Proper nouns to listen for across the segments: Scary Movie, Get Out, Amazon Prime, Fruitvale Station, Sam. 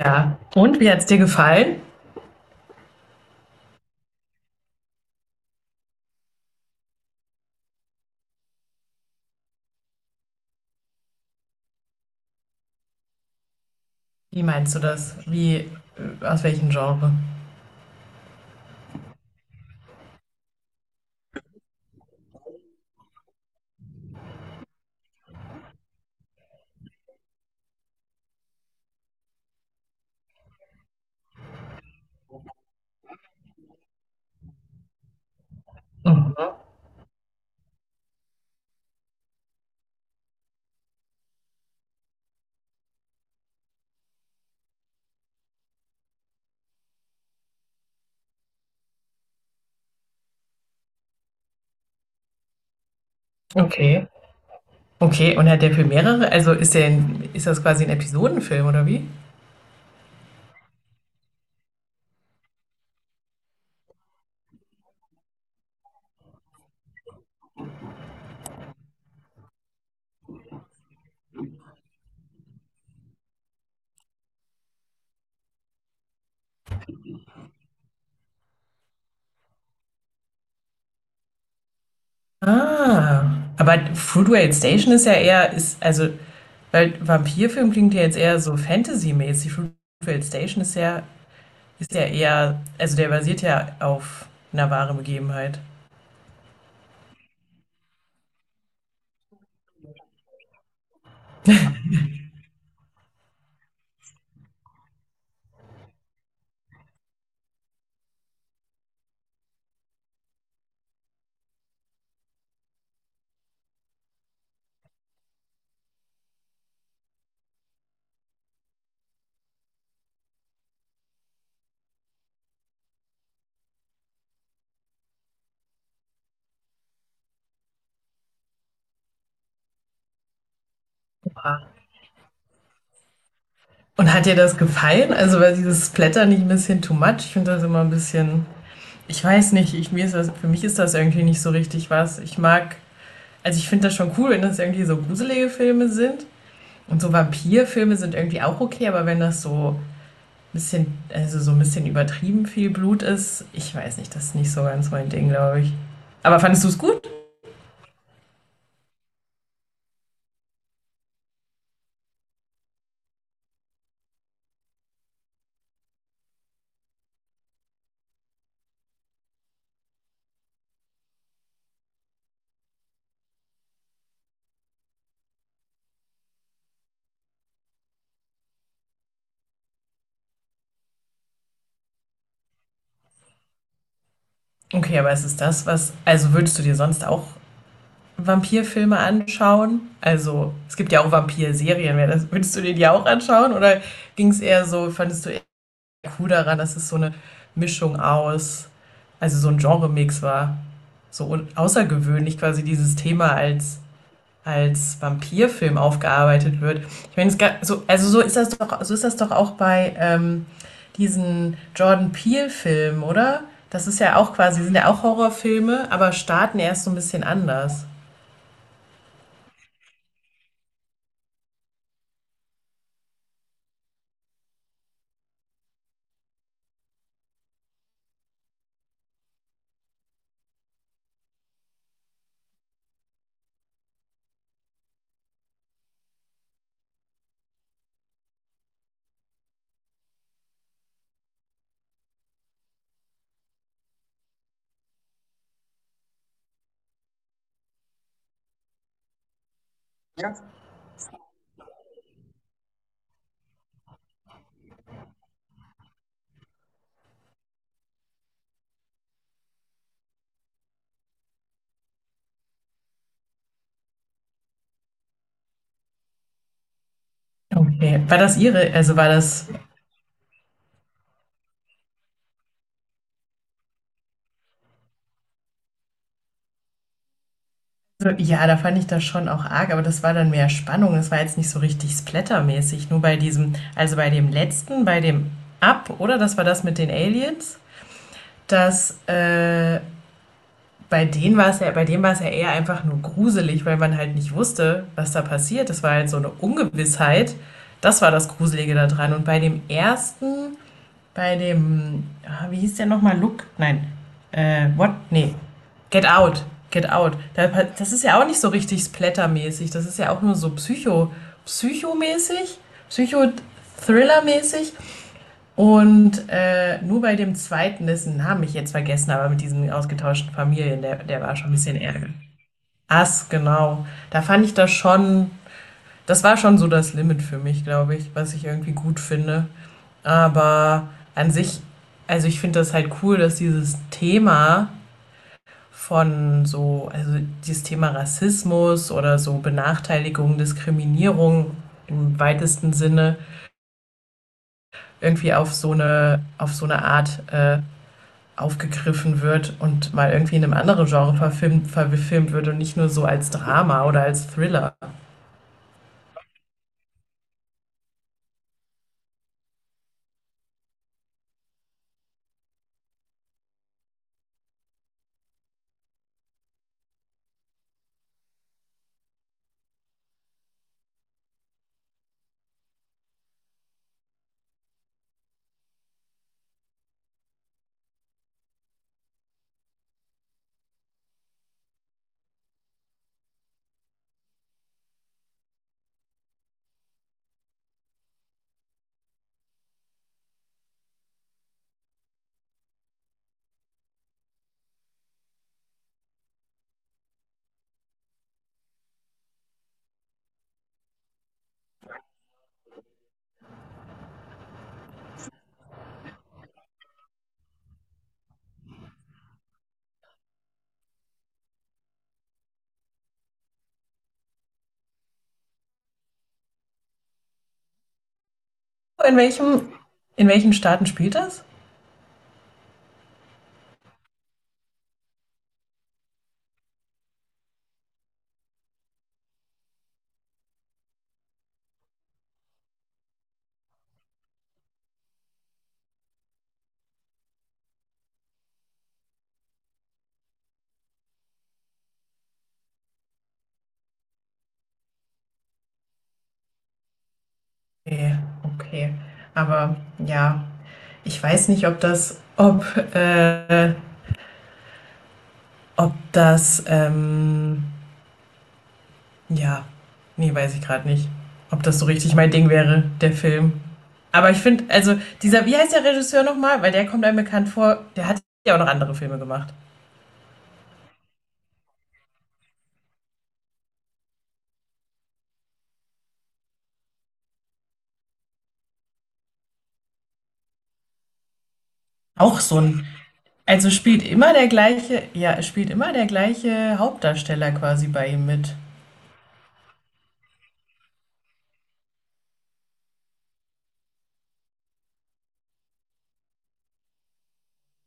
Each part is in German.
Ja. Und wie hat es dir gefallen? Wie meinst du das? Wie, aus welchem Genre? Mhm. Okay. Okay, und hat der für mehrere? Also ist der ein, ist das quasi ein Episodenfilm oder wie? Ah. Aber Fruitvale Station ist ja eher, ist, also, weil Vampirfilm klingt ja jetzt eher so Fantasy-mäßig. Fruitvale Station ist ja eher, also der basiert ja auf einer wahren Begebenheit. Und hat dir das gefallen? Also war dieses Splatter nicht ein bisschen too much? Ich finde das immer ein bisschen, ich weiß nicht, ich, mir ist das, für mich ist das irgendwie nicht so richtig was. Ich mag, also ich finde das schon cool, wenn das irgendwie so gruselige Filme sind. Und so Vampirfilme sind irgendwie auch okay, aber wenn das so ein bisschen, also so ein bisschen übertrieben viel Blut ist, ich weiß nicht, das ist nicht so ganz mein Ding, glaube ich. Aber fandest du es gut? Okay, aber ist es das, was, also würdest du dir sonst auch Vampirfilme anschauen? Also, es gibt ja auch Vampirserien. Würdest du dir die auch anschauen? Oder ging es eher so, fandest du eher cool daran, dass es so eine Mischung aus, also so ein Genre-Mix war? Außergewöhnlich quasi dieses Thema als, als Vampirfilm aufgearbeitet wird. Ich meine, so, also so ist das doch, so ist das doch auch bei diesen Jordan Peele-Filmen, oder? Das ist ja auch quasi, sind ja auch Horrorfilme, aber starten erst so ein bisschen anders. Okay, war das Ihre, also war das, also, ja, da fand ich das schon auch arg, aber das war dann mehr Spannung. Es war jetzt nicht so richtig splattermäßig. Nur bei diesem, also bei dem letzten, bei dem Up, oder? Das war das mit den Aliens. Das Bei denen war es ja, bei dem war es ja eher einfach nur gruselig, weil man halt nicht wusste, was da passiert. Das war halt so eine Ungewissheit. Das war das Gruselige da dran. Und bei dem ersten, bei dem, ah, wie hieß der nochmal? Look? Nein. What? Nee. Get Out. Get Out. Das ist ja auch nicht so richtig splattermäßig. Das ist ja auch nur so psycho, psychomäßig, psycho mäßig Und nur bei dem zweiten, dessen Namen ich jetzt vergessen, aber mit diesen ausgetauschten Familien, der war schon ein bisschen ärgerlich. Ass, genau. Da fand ich das schon, das war schon so das Limit für mich, glaube ich, was ich irgendwie gut finde. Aber an sich, also ich finde das halt cool, dass dieses Thema von so, also dieses Thema Rassismus oder so Benachteiligung, Diskriminierung im weitesten Sinne irgendwie auf so eine Art aufgegriffen wird und mal irgendwie in einem anderen Genre verfilmt, verfilmt wird und nicht nur so als Drama oder als Thriller. In welchem, in welchen Staaten spielt das? Okay, okay. Aber ja, ich weiß nicht, ob das, ob, äh, ob das, ja, nee, weiß ich gerade nicht, ob das so richtig mein Ding wäre, der Film. Aber ich finde, also dieser, wie heißt der Regisseur nochmal? Weil der kommt einem bekannt vor, der hat ja auch noch andere Filme gemacht. Auch so ein, also spielt immer der gleiche, ja, es spielt immer der gleiche Hauptdarsteller quasi bei ihm mit.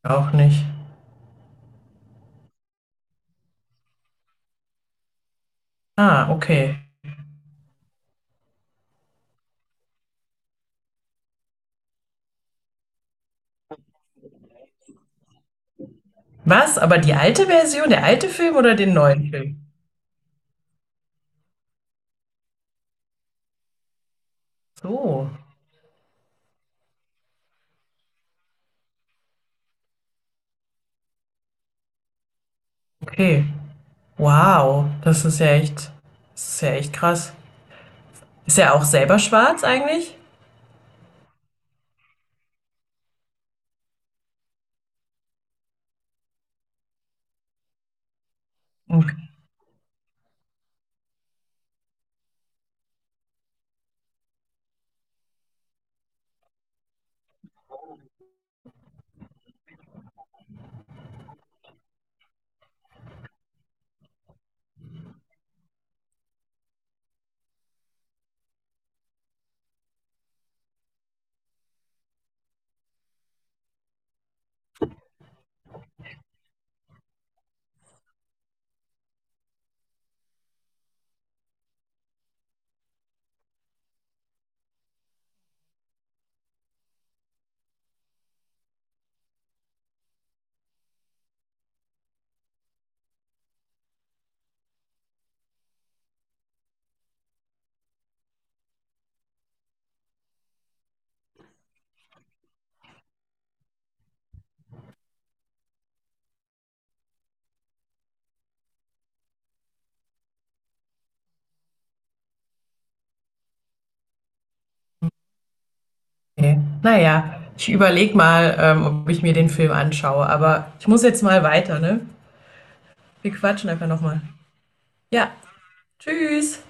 Auch nicht. Ah, okay. Was? Aber die alte Version, der alte Film oder den neuen Film? So, okay. Wow, das ist ja echt, das ist ja echt krass. Ist er auch selber schwarz eigentlich? Okay. Naja, ich überlege mal, ob ich mir den Film anschaue, aber ich muss jetzt mal weiter, ne? Wir quatschen einfach nochmal. Ja, tschüss.